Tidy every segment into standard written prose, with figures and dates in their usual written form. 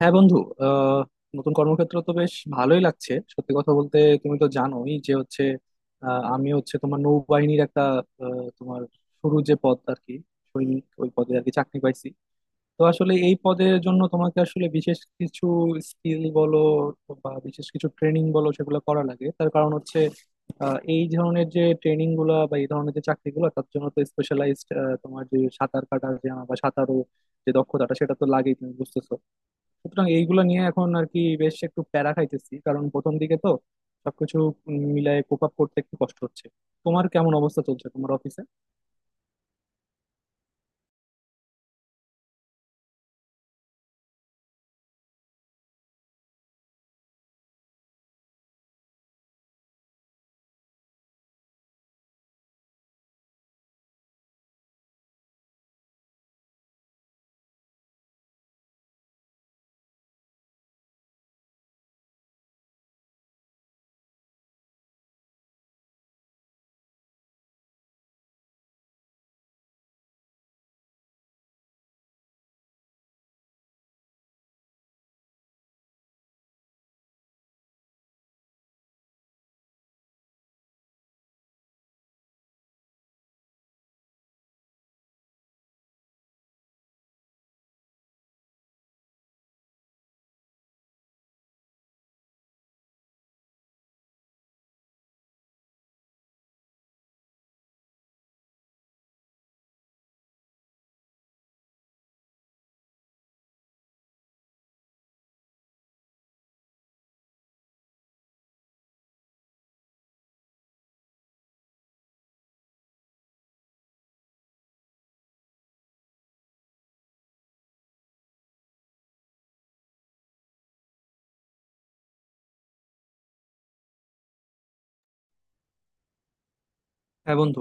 হ্যাঁ বন্ধু। আহ নতুন কর্মক্ষেত্র তো বেশ ভালোই লাগছে। সত্যি কথা বলতে তুমি তো জানোই যে হচ্ছে, আমি হচ্ছে তোমার নৌবাহিনীর একটা, তোমার শুরু যে পদ আর কি, সৈনিক ওই পদে আর কি চাকরি পাইছি। তো আসলে এই পদের জন্য তোমাকে আসলে বিশেষ কিছু স্কিল বলো বা বিশেষ কিছু ট্রেনিং বলো, সেগুলো করা লাগে। তার কারণ হচ্ছে, এই ধরনের যে ট্রেনিং গুলা বা এই ধরনের যে চাকরিগুলো তার জন্য তো স্পেশালাইজড তোমার যে সাঁতার কাটা জানা বা সাঁতারও যে দক্ষতাটা, সেটা তো লাগেই, তুমি বুঝতেছো। সুতরাং এইগুলো নিয়ে এখন আর কি বেশ একটু প্যারা খাইতেছি, কারণ প্রথম দিকে তো সবকিছু মিলায় কোপ আপ করতে একটু কষ্ট হচ্ছে। তোমার কেমন অবস্থা চলছে তোমার অফিসে? হ্যাঁ বন্ধু,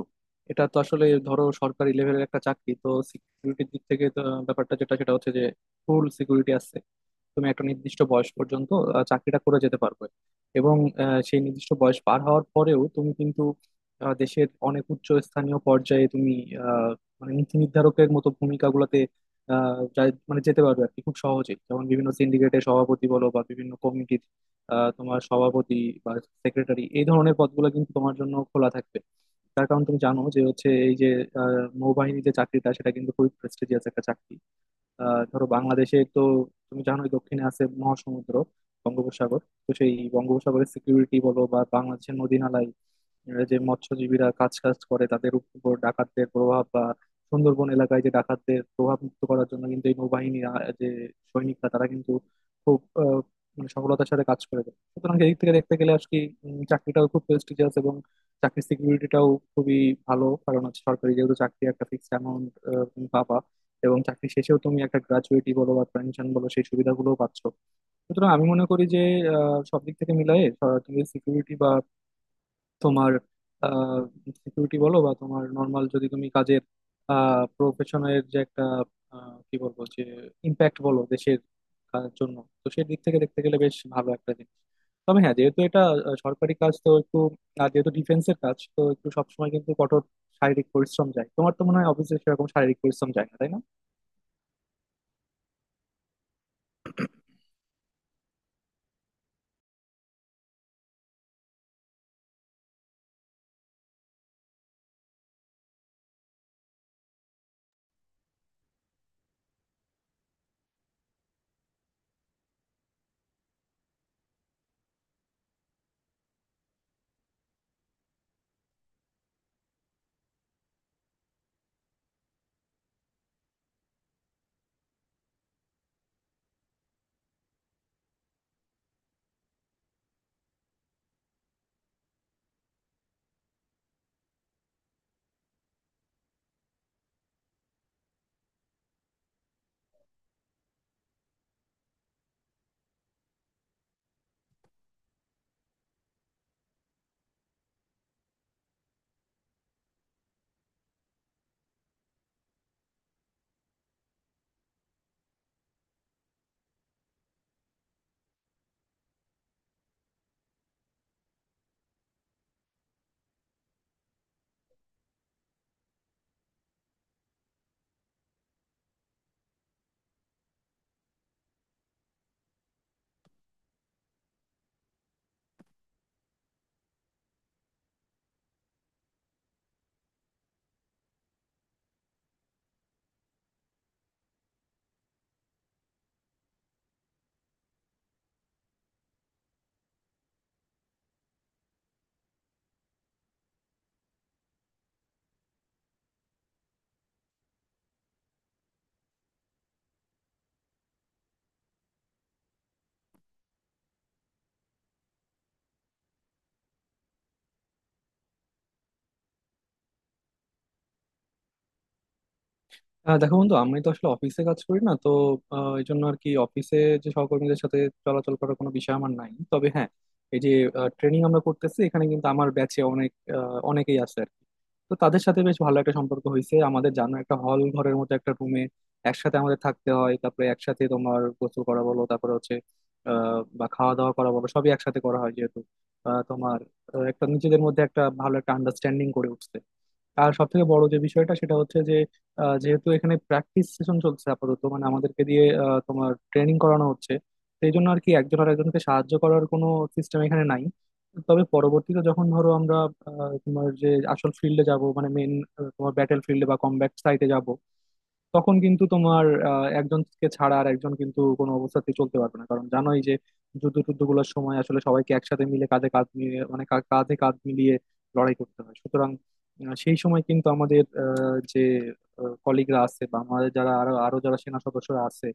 এটা তো আসলে ধরো সরকারি লেভেলের একটা চাকরি, তো সিকিউরিটির দিক থেকে তো ব্যাপারটা যেটা সেটা হচ্ছে যে ফুল সিকিউরিটি আছে। তুমি একটা নির্দিষ্ট বয়স পর্যন্ত চাকরিটা করে যেতে পারবে। এবং সেই নির্দিষ্ট বয়স পার হওয়ার পরেও তুমি কিন্তু দেশের অনেক উচ্চ স্থানীয় পর্যায়ে তুমি আহ, মানে নীতি নির্ধারকের মতো ভূমিকাগুলোতে, মানে যেতে পারবে আর কি খুব সহজেই। যেমন বিভিন্ন সিন্ডিকেটের সভাপতি বলো বা বিভিন্ন কমিটির তোমার সভাপতি বা সেক্রেটারি, এই ধরনের পদগুলো কিন্তু তোমার জন্য খোলা থাকবে। তার কারণ তুমি জানো যে হচ্ছে এই যে আহ, নৌবাহিনীর যে চাকরিটা সেটা কিন্তু খুবই প্রেস্টিজিয়াস একটা চাকরি। ধরো বাংলাদেশে তো তুমি জানোই দক্ষিণে আছে মহাসমুদ্র বঙ্গোপসাগর। তো সেই বঙ্গোপসাগরের সিকিউরিটি বলো বা বাংলাদেশের নদীনালায় যে মৎস্যজীবীরা কাজ কাজ করে তাদের উপর ডাকাতদের প্রভাব বা সুন্দরবন এলাকায় যে ডাকাতদের প্রভাব, মুক্ত করার জন্য কিন্তু এই নৌবাহিনীর যে সৈনিকরা তারা কিন্তু খুব মানে সফলতার সাথে কাজ করে দেয়। সুতরাং এই দিক থেকে দেখতে গেলে আজকে চাকরিটাও খুব প্রেস্টিজিয়াস এবং চাকরির সিকিউরিটিটাও খুবই ভালো। কারণ হচ্ছে সরকারি যেহেতু চাকরি, একটা ফিক্সড অ্যামাউন্ট পাবা এবং চাকরি শেষেও তুমি একটা গ্র্যাচুইটি বলো বা পেনশন বলো সেই সুবিধাগুলো পাচ্ছ। সুতরাং আমি মনে করি যে সব দিক থেকে মিলাই তুমি সিকিউরিটি বা তোমার সিকিউরিটি বলো বা তোমার নর্মাল যদি তুমি কাজের প্রফেশনের যে একটা কি বলবো যে ইম্প্যাক্ট বলো দেশের জন্য, তো সেই দিক থেকে দেখতে গেলে বেশ ভালো একটা জিনিস। তবে হ্যাঁ, যেহেতু এটা সরকারি কাজ তো একটু, আর যেহেতু ডিফেন্সের কাজ তো একটু সবসময় কিন্তু কঠোর শারীরিক পরিশ্রম যায়। তোমার তো মনে হয় অফিসে সেরকম শারীরিক পরিশ্রম যায় না, তাই না? দেখো বন্ধু, আমি তো আসলে অফিসে কাজ করি না, তো এই জন্য আর কি অফিসে যে সহকর্মীদের সাথে চলাচল করার কোনো বিষয় আমার নাই। তবে হ্যাঁ, এই যে ট্রেনিং আমরা করতেছি, এখানে কিন্তু আমার ব্যাচে অনেক, অনেকেই আছে আর কি। তো তাদের সাথে বেশ ভালো একটা সম্পর্ক হয়েছে আমাদের। জানো, একটা হল ঘরের মতো একটা রুমে একসাথে আমাদের থাকতে হয়। তারপরে একসাথে তোমার গোসল করা বলো, তারপরে হচ্ছে বা খাওয়া দাওয়া করা বলো, সবই একসাথে করা হয়। যেহেতু আহ, তোমার একটা নিজেদের মধ্যে একটা ভালো একটা আন্ডারস্ট্যান্ডিং করে উঠছে। আর সব থেকে বড় যে বিষয়টা সেটা হচ্ছে যে যেহেতু এখানে প্র্যাকটিস সেশন চলছে আপাতত, মানে আমাদেরকে দিয়ে তোমার ট্রেনিং করানো হচ্ছে, সেই জন্য আর কি একজন আর একজনকে সাহায্য করার কোনো সিস্টেম এখানে নাই। তবে পরবর্তীতে যখন ধরো আমরা তোমার যে আসল ফিল্ডে যাব, মানে মেন তোমার ব্যাটেল ফিল্ডে বা কমব্যাট সাইটে যাব, তখন কিন্তু তোমার একজনকে ছাড়া আর একজন কিন্তু কোনো অবস্থাতেই চলতে পারবে না। কারণ জানোই যে যুদ্ধ টুদ্ধ গুলোর সময় আসলে সবাইকে একসাথে মিলে কাঁধে কাঁধ মিলিয়ে, কাঁধে কাঁধ মিলিয়ে লড়াই করতে হয়। সুতরাং সেই সময় কিন্তু আমাদের যে কলিগরা আছে বা আমাদের যারা আরো আরো যারা সেনা সদস্যরা আছে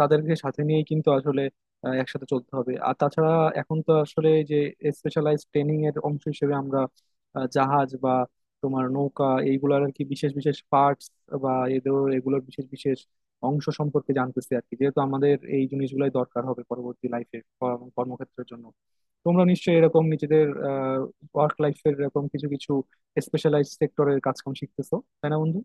তাদেরকে সাথে নিয়েই কিন্তু আসলে একসাথে চলতে হবে। আর তাছাড়া এখন তো আসলে যে স্পেশালাইজড ট্রেনিং এর অংশ হিসেবে আমরা জাহাজ বা তোমার নৌকা এইগুলার আর কি বিশেষ বিশেষ পার্টস বা এদের এগুলোর বিশেষ বিশেষ অংশ সম্পর্কে জানতেছি আর কি। যেহেতু আমাদের এই জিনিসগুলাই দরকার হবে পরবর্তী লাইফে কর্মক্ষেত্রের জন্য। তোমরা নিশ্চয়ই এরকম নিজেদের ওয়ার্ক লাইফের এরকম কিছু কিছু স্পেশালাইজ সেক্টরের কাজ কাম শিখতেছো, তাই না বন্ধু?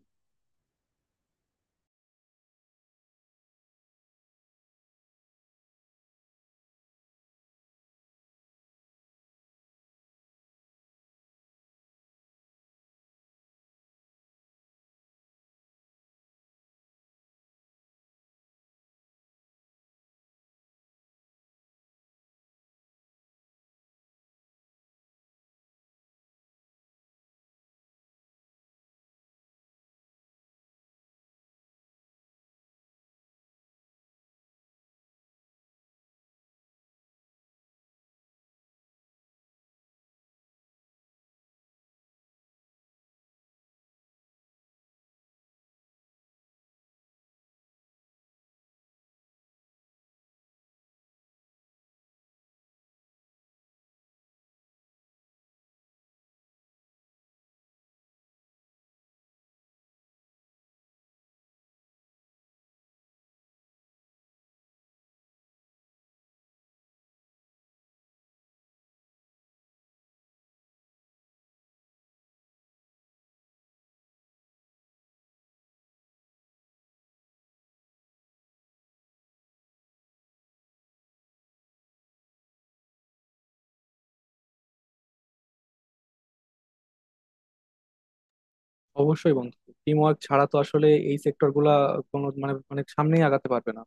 অবশ্যই বন্ধু, টিম ওয়ার্ক ছাড়া তো আসলে এই সেক্টর গুলা কোনো মানে অনেক সামনেই আগাতে পারবে না।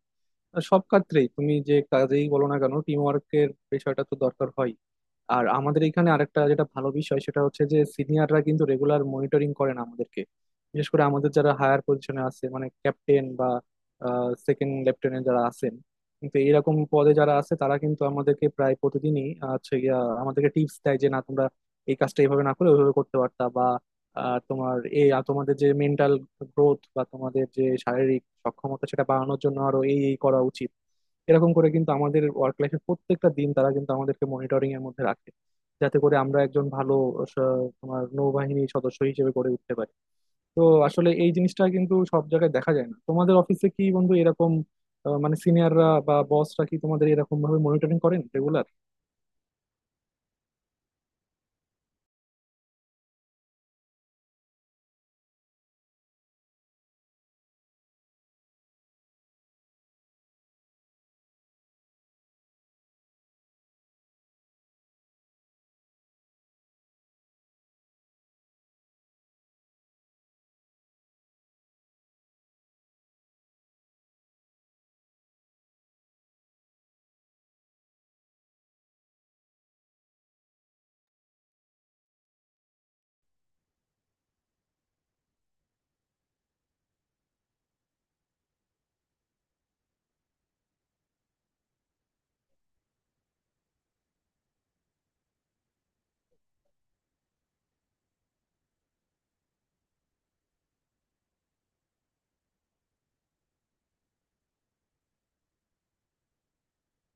আর সব ক্ষেত্রেই তুমি যে কাজেই বলো না কেন, টিম ওয়ার্কের বিষয়টা তো দরকার হয়। আর আমাদের এখানে আরেকটা যেটা ভালো বিষয় সেটা হচ্ছে যে সিনিয়ররা কিন্তু রেগুলার মনিটরিং করে না আমাদেরকে। বিশেষ করে আমাদের যারা হায়ার পজিশনে আছে, মানে ক্যাপ্টেন বা সেকেন্ড লেফটেন্যান্ট যারা আছেন, কিন্তু এরকম পদে যারা আছে তারা কিন্তু আমাদেরকে প্রায় প্রতিদিনই আছে গিয়া আমাদেরকে টিপস দেয় যে না, তোমরা এই কাজটা এইভাবে না করে ওইভাবে করতে পারতা, বা তোমার তোমাদের যে মেন্টাল গ্রোথ বা তোমাদের যে শারীরিক সক্ষমতা সেটা বাড়ানোর জন্য আরো এই এই করা উচিত। এরকম করে কিন্তু আমাদের ওয়ার্ক লাইফের প্রত্যেকটা দিন তারা কিন্তু আমাদেরকে মনিটরিং এর মধ্যে রাখে, যাতে করে আমরা একজন ভালো তোমার নৌবাহিনী সদস্য হিসেবে গড়ে উঠতে পারি। তো আসলে এই জিনিসটা কিন্তু সব জায়গায় দেখা যায় না। তোমাদের অফিসে কি বন্ধু এরকম, মানে সিনিয়ররা বা বসরা কি তোমাদের এরকম ভাবে মনিটরিং করেন রেগুলার?